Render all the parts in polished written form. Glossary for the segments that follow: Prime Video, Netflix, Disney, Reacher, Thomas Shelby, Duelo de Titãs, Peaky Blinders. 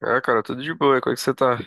Ah, cara, tudo de boa. Como é que você tá?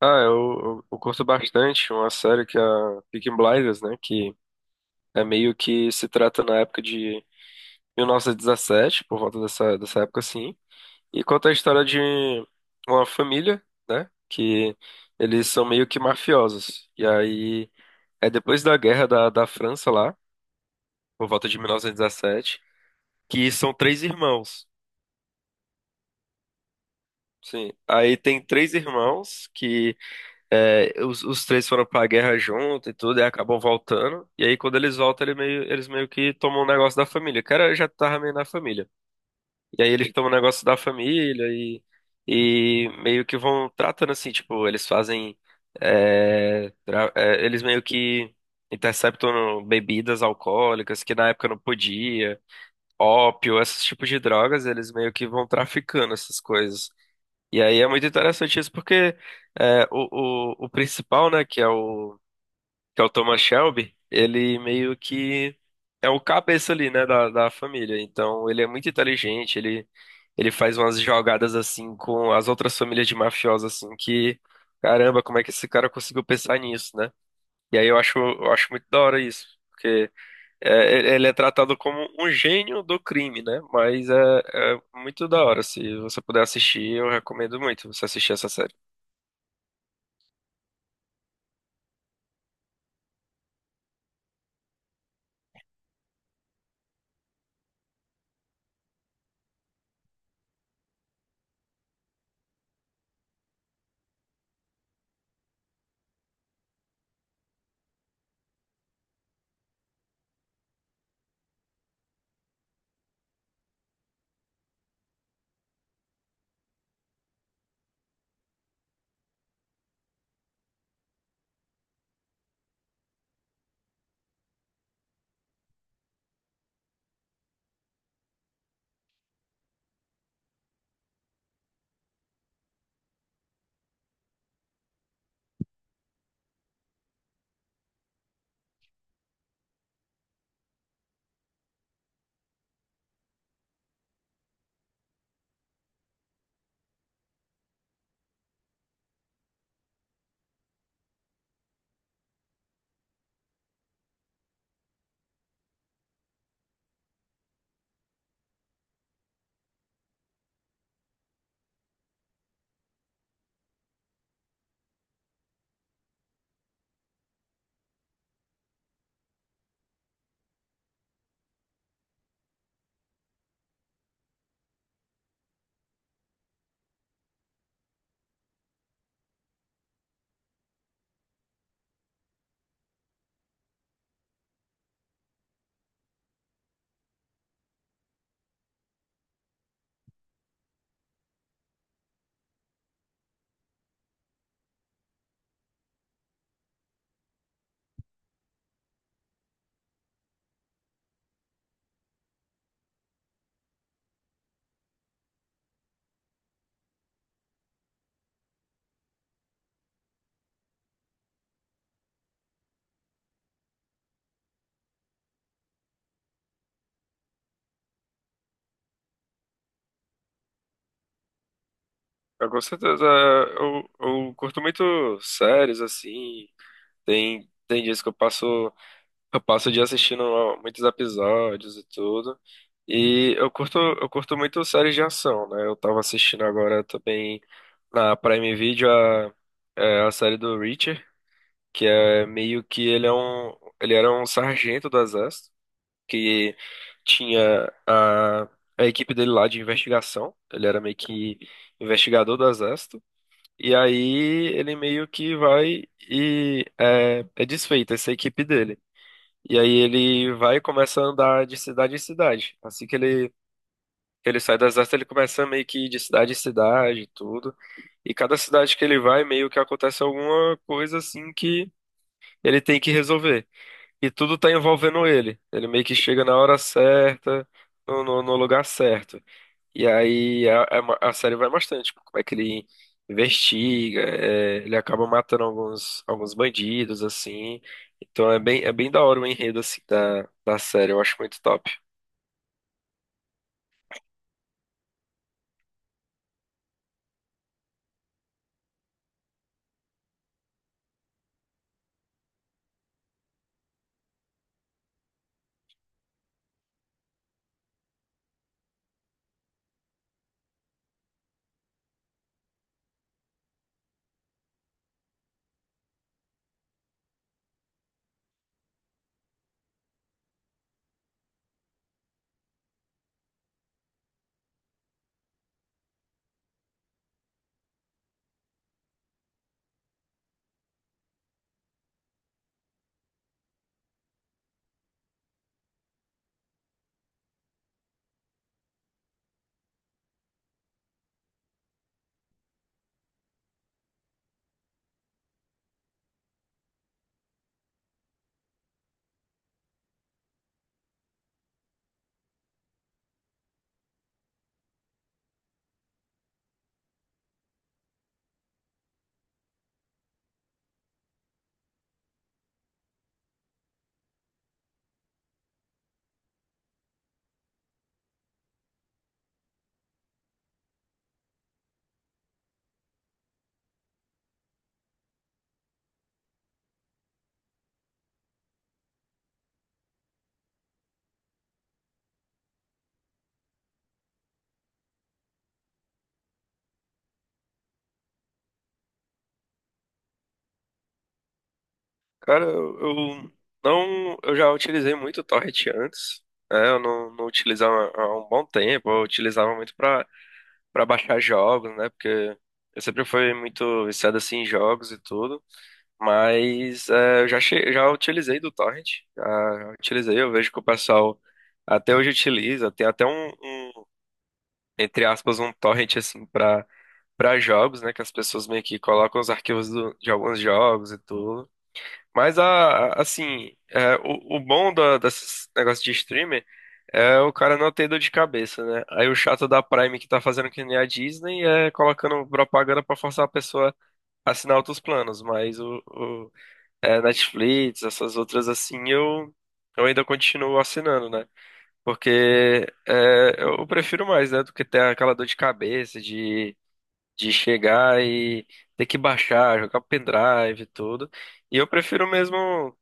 Ah, eu curto bastante uma série que é a Peaky Blinders, né? Que é meio que se trata na época de 1917, por volta dessa época assim. E conta a história de uma família, né? Que eles são meio que mafiosos. E aí é depois da guerra da França lá, por volta de 1917, que são três irmãos. Sim, aí tem três irmãos que é, os três foram pra guerra junto e tudo, e acabam voltando. E aí, quando eles voltam, eles meio que tomam um negócio da família. O cara já tava meio na família. E aí, eles tomam um negócio da família e meio que vão tratando assim, tipo, eles fazem. Eles meio que interceptam bebidas alcoólicas que na época não podia, ópio, esses tipos de drogas, eles meio que vão traficando essas coisas. E aí é muito interessante isso, porque é, o principal, né, que é que é o Thomas Shelby, ele meio que é o cabeça ali, né, da família. Então ele é muito inteligente, ele faz umas jogadas assim com as outras famílias de mafiosos, assim, que caramba, como é que esse cara conseguiu pensar nisso, né? E aí eu acho muito da hora isso. É, ele é tratado como um gênio do crime, né? Mas é, é muito da hora. Se você puder assistir, eu recomendo muito você assistir essa série. Eu, com certeza, eu curto muito séries, assim. Tem dias que eu passo o dia assistindo muitos episódios e tudo. E eu curto muito séries de ação, né? Eu tava assistindo agora também na Prime Video a série do Reacher. Que é meio que ele é um, ele era um sargento do exército que tinha a equipe dele lá de investigação. Ele era meio que investigador do exército. E aí ele meio que vai e é desfeita essa equipe dele. E aí ele vai e começa a andar de cidade em cidade. Assim que Ele sai do exército, ele começa meio que ir de cidade em cidade, e tudo. E cada cidade que ele vai, meio que acontece alguma coisa assim que ele tem que resolver. E tudo tá envolvendo ele. Ele meio que chega na hora certa, no lugar certo. E aí a série vai bastante. Como é que ele investiga, é, ele acaba matando alguns, alguns bandidos, assim. Então é bem da hora o enredo, assim, da série. Eu acho muito top. Cara, eu não... Eu já utilizei muito o Torrent antes. Né? Eu não, não utilizava há um bom tempo. Eu utilizava muito pra para baixar jogos, né? Porque eu sempre fui muito viciado assim em jogos e tudo, mas é, eu já che... já utilizei do torrent, já já utilizei, eu vejo que o pessoal até hoje utiliza, tem até um, entre aspas um torrent assim para jogos, né? Que as pessoas meio que colocam os arquivos de alguns jogos e tudo. Mas assim, é, o bom da, desses negócios de streamer é o cara não ter dor de cabeça, né? Aí o chato da Prime que tá fazendo que nem a Disney é colocando propaganda pra forçar a pessoa a assinar outros planos. Mas é, Netflix, essas outras assim, eu ainda continuo assinando, né? Porque é, eu prefiro mais, né? Do que ter aquela dor de cabeça de chegar e ter que baixar, jogar pendrive e tudo. E eu prefiro mesmo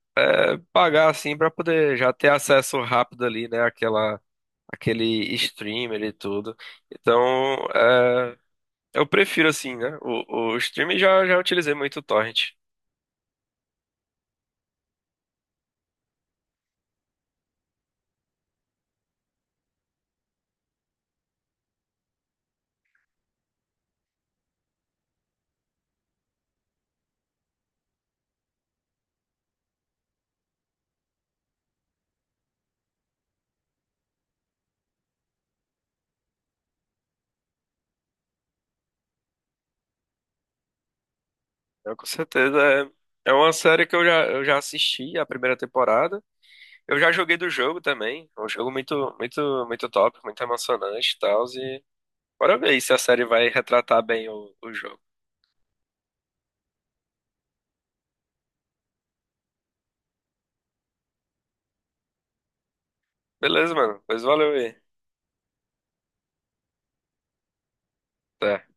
pagar assim pra poder já ter acesso rápido ali, né, àquela, aquele streamer e tudo. Então, é, eu prefiro assim, né? O streamer já utilizei muito o Torrent. Então, com certeza é é uma série que eu já assisti a primeira temporada. Eu já joguei do jogo também. É um jogo muito, muito, muito top, muito emocionante e tal. E bora ver aí se a série vai retratar bem o jogo. Beleza, mano. Pois valeu aí. Até.